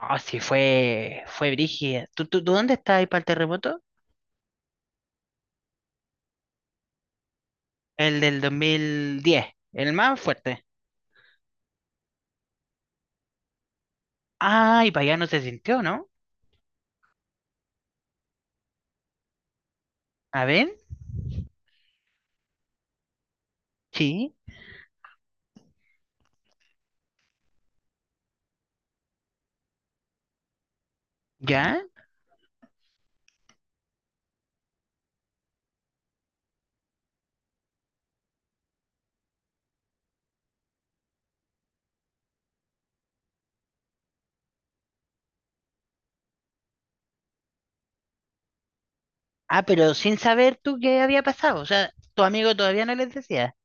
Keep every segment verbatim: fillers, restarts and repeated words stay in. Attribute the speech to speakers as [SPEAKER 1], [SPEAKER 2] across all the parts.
[SPEAKER 1] No, sí, fue, fue brígida. ¿Tú, tú, tú dónde estás ahí para el terremoto? El del dos mil diez, el más fuerte. Ah, y para allá no se sintió, ¿no? A ver, sí, ya. Ah, pero sin saber tú qué había pasado. O sea, tu amigo todavía no les decía,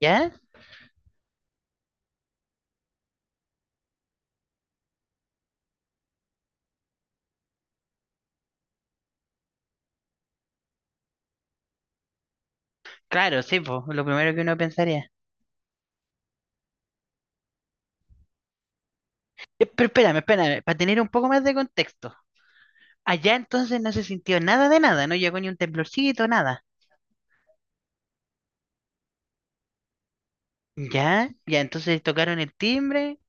[SPEAKER 1] ¿ya? Claro, sí, pues, lo primero que uno pensaría. Eh, Pero espérame, espérame, para tener un poco más de contexto. Allá entonces no se sintió nada de nada, no llegó ni un temblorcito, nada. ¿Ya? Ya, entonces tocaron el timbre,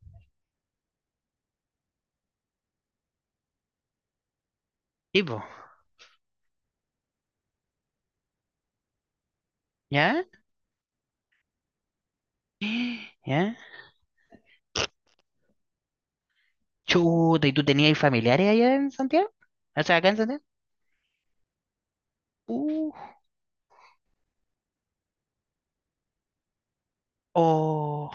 [SPEAKER 1] tipo, ¿ya? ¿Ya? Chuta, ¿y tú tenías familiares allá en Santiago? O sea, acá en Santiago. Uh, oh,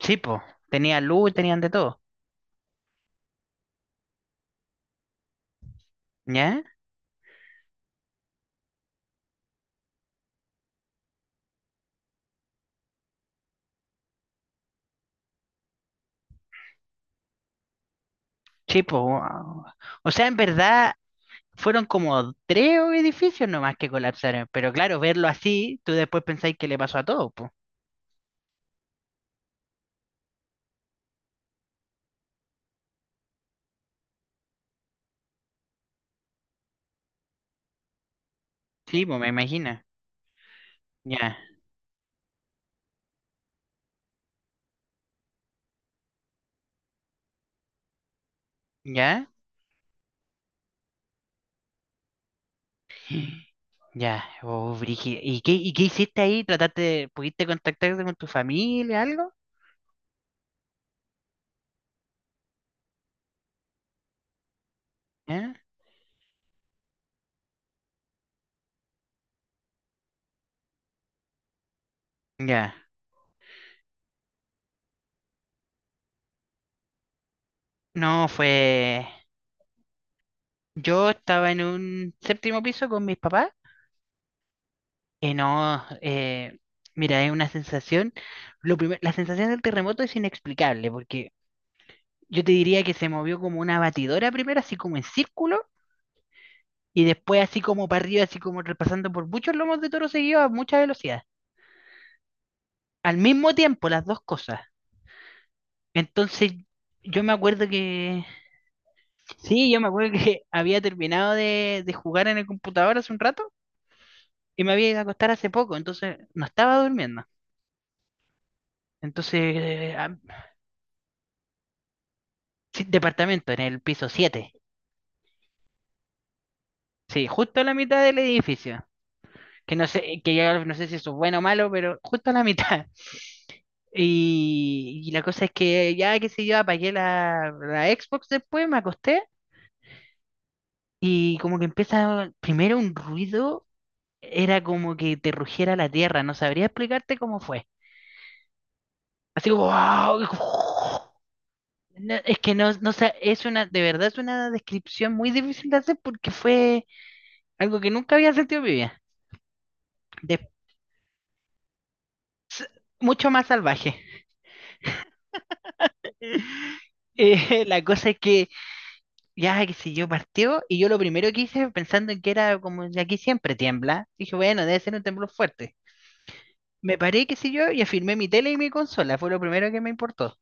[SPEAKER 1] sí, po. Tenían luz, tenían de todo. ¿Ya? Sí, po. Wow. O sea, en verdad fueron como tres edificios nomás que colapsaron. Pero claro, verlo así, tú después pensáis que le pasó a todo, po. Sí, po, me imagino. Ya, ya, ya. Oh, brígido. ¿Y qué, y qué hiciste ahí? ¿Trataste, pudiste contactarte con tu familia, algo? ¿Ya? Ya. No, fue. Yo estaba en un séptimo piso con mis papás. Y no, eh, mira, es una sensación. Lo primer- la sensación del terremoto es inexplicable, porque yo te diría que se movió como una batidora primero, así como en círculo, y después así como para arriba, así como repasando por muchos lomos de toro seguido a mucha velocidad. Al mismo tiempo, las dos cosas. Entonces, yo me acuerdo que. Sí, yo me acuerdo que había terminado de, de jugar en el computador hace un rato y me había ido a acostar hace poco, entonces no estaba durmiendo. Entonces, eh, ah, sí, departamento en el piso siete. Sí, justo a la mitad del edificio. Que no sé, que ya no sé si eso es bueno o malo, pero justo a la mitad. Y, y la cosa es que ya, qué sé yo, apagué la, la, Xbox después, me acosté y como que empieza primero un ruido, era como que te rugiera la tierra, no sabría explicarte cómo fue. Así como, ¡guau! No, es que no, no sé, es una, de verdad es una descripción muy difícil de hacer porque fue algo que nunca había sentido en mi vida. De- Mucho más salvaje. Eh, la cosa es que ya, que si yo, partió y yo lo primero que hice, pensando en que era como de aquí siempre tiembla, dije, bueno, debe ser un temblor fuerte. Me paré, qué sé yo, y afirmé mi tele y mi consola, fue lo primero que me importó.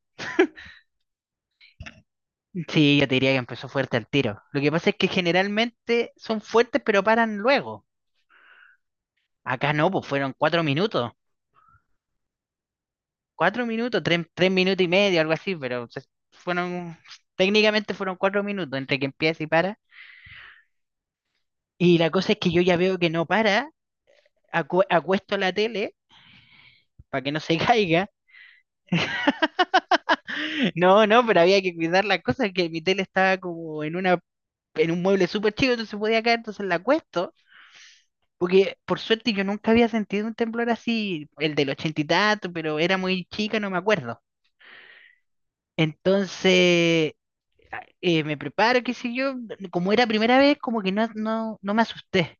[SPEAKER 1] Sí, yo te diría que empezó fuerte al tiro. Lo que pasa es que generalmente son fuertes pero paran luego. Acá no, pues fueron cuatro minutos. Cuatro minutos, tres, tres minutos y medio, algo así, pero se- fueron, técnicamente fueron cuatro minutos entre que empieza y para. Y la cosa es que yo ya veo que no para, acu- acuesto la tele para que no se caiga. No, no, pero había que cuidar la cosa, que mi tele estaba como en una, en un mueble súper chico, entonces podía caer, entonces la acuesto. Porque por suerte yo nunca había sentido un temblor así, el del ochenta y tanto, pero era muy chica, no me acuerdo. Entonces eh, me preparo, qué sé yo, como era primera vez, como que no, no, no me asusté.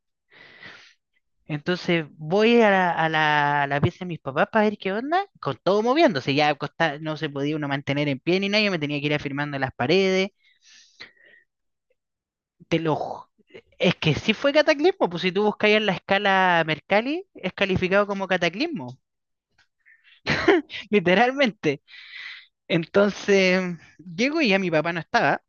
[SPEAKER 1] Entonces voy a la, a la, a la pieza de mis papás para ver qué onda, con todo moviéndose, ya costa- no se podía uno mantener en pie ni nada, yo me tenía que ir afirmando en las paredes, te lo... ju- Es que sí fue cataclismo, pues si tú buscas en la escala Mercalli, es calificado como cataclismo, literalmente. Entonces, llego y ya mi papá no estaba.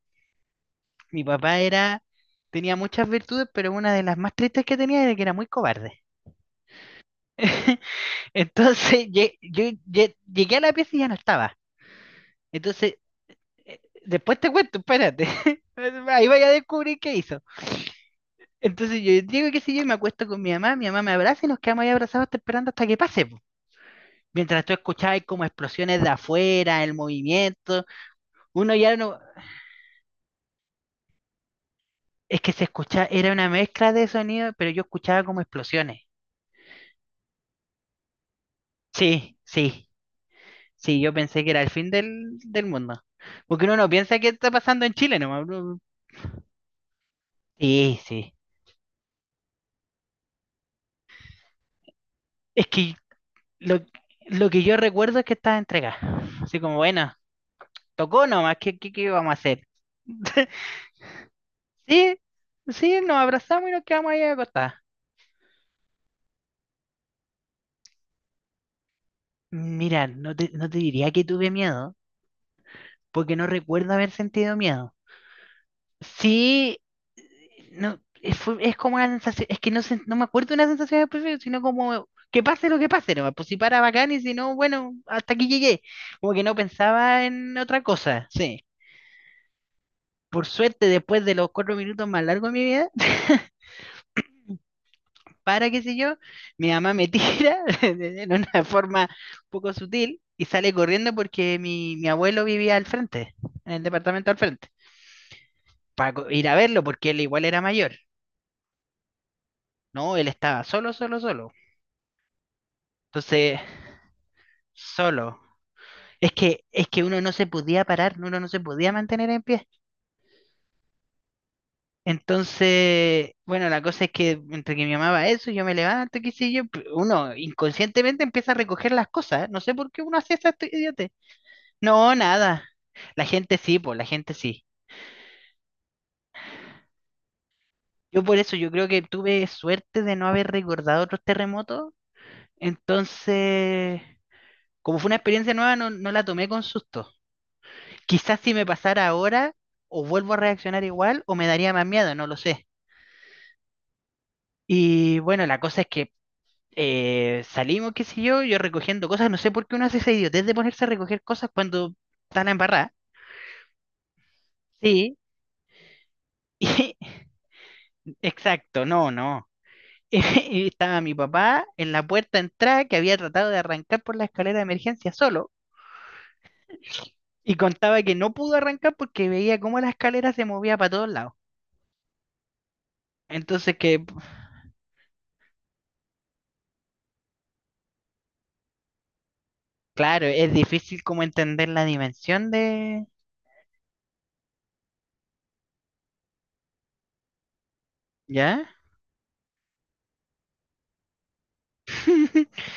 [SPEAKER 1] Mi papá era, tenía muchas virtudes, pero una de las más tristes que tenía era que era muy cobarde. Entonces, lle- yo lle- llegué a la pieza y ya no estaba. Entonces, eh, después te cuento, espérate. Ahí vaya a descubrir qué hizo. Entonces, yo digo que si yo y me acuesto con mi mamá, mi mamá me abraza y nos quedamos ahí abrazados hasta esperando hasta que pase, po. Mientras tú escuchabas como explosiones de afuera, el movimiento, uno ya no... Es que se escuchaba, era una mezcla de sonidos, pero yo escuchaba como explosiones. Sí, sí, sí, yo pensé que era el fin del, del mundo. Porque uno no piensa que está pasando en Chile, nomás. Sí, sí. Es que lo, lo que yo recuerdo es que estaba entregada. Así como, bueno, tocó nomás, ¿qué, qué, qué vamos a hacer? Sí, sí, nos abrazamos y nos quedamos ahí acostadas. Mira, no te, no te diría que tuve miedo, porque no recuerdo haber sentido miedo. Sí, no, es, fue- es como una sensación, es que no sé, no me acuerdo de una sensación específica, sino como que pase lo que pase, nomás, pues si para bacán y si no, bueno, hasta aquí llegué. Como que no pensaba en otra cosa, sí. Por suerte, después de los cuatro minutos más largos de mi vida, para qué sé yo, mi mamá me tira en una forma un poco sutil y sale corriendo porque mi, mi abuelo vivía al frente, en el departamento al frente, para co- ir a verlo porque él igual era mayor, ¿no? Él estaba solo, solo, solo. Entonces, solo. Es que, es que uno no se podía parar, uno no se podía mantener en pie. Entonces, bueno, la cosa es que entre que mi mamá va a eso, yo me levanto, qué sé yo, p- uno inconscientemente empieza a recoger las cosas. ¿Eh? No sé por qué uno hace esa idiote. No, nada. La gente sí, pues, la gente sí. Yo por eso yo creo que tuve suerte de no haber recordado otros terremotos. Entonces, como fue una experiencia nueva, no, no la tomé con susto. Quizás si me pasara ahora, o vuelvo a reaccionar igual, o me daría más miedo, no lo sé. Y bueno, la cosa es que eh, salimos, qué sé yo, yo recogiendo cosas, no sé por qué uno hace esa idiotez de ponerse a recoger cosas cuando está la embarrada. Sí. Y- exacto, no, no. Y estaba mi papá en la puerta de entrada que había tratado de arrancar por la escalera de emergencia solo y contaba que no pudo arrancar porque veía cómo la escalera se movía para todos lados. Entonces que, claro, es difícil como entender la dimensión de... ¿Ya?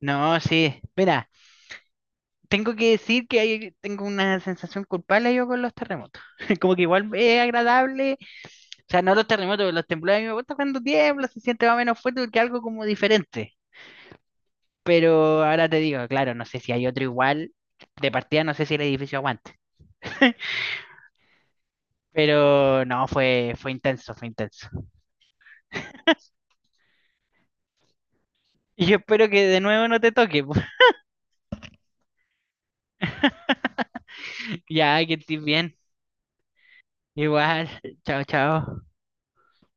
[SPEAKER 1] No, sí. Mira. Tengo que decir que hay- tengo una sensación culpable yo con los terremotos. Como que igual es agradable, o sea, no los terremotos, pero los temblores a mí me gusta cuando tiembla, se siente más o menos fuerte porque es algo como diferente. Pero ahora te digo, claro, no sé si hay otro igual, de partida no sé si el edificio aguante. Pero no, fue, fue intenso, fue intenso. Y yo espero que de nuevo no te toque. Ya, que estés bien. Igual, chao, chao.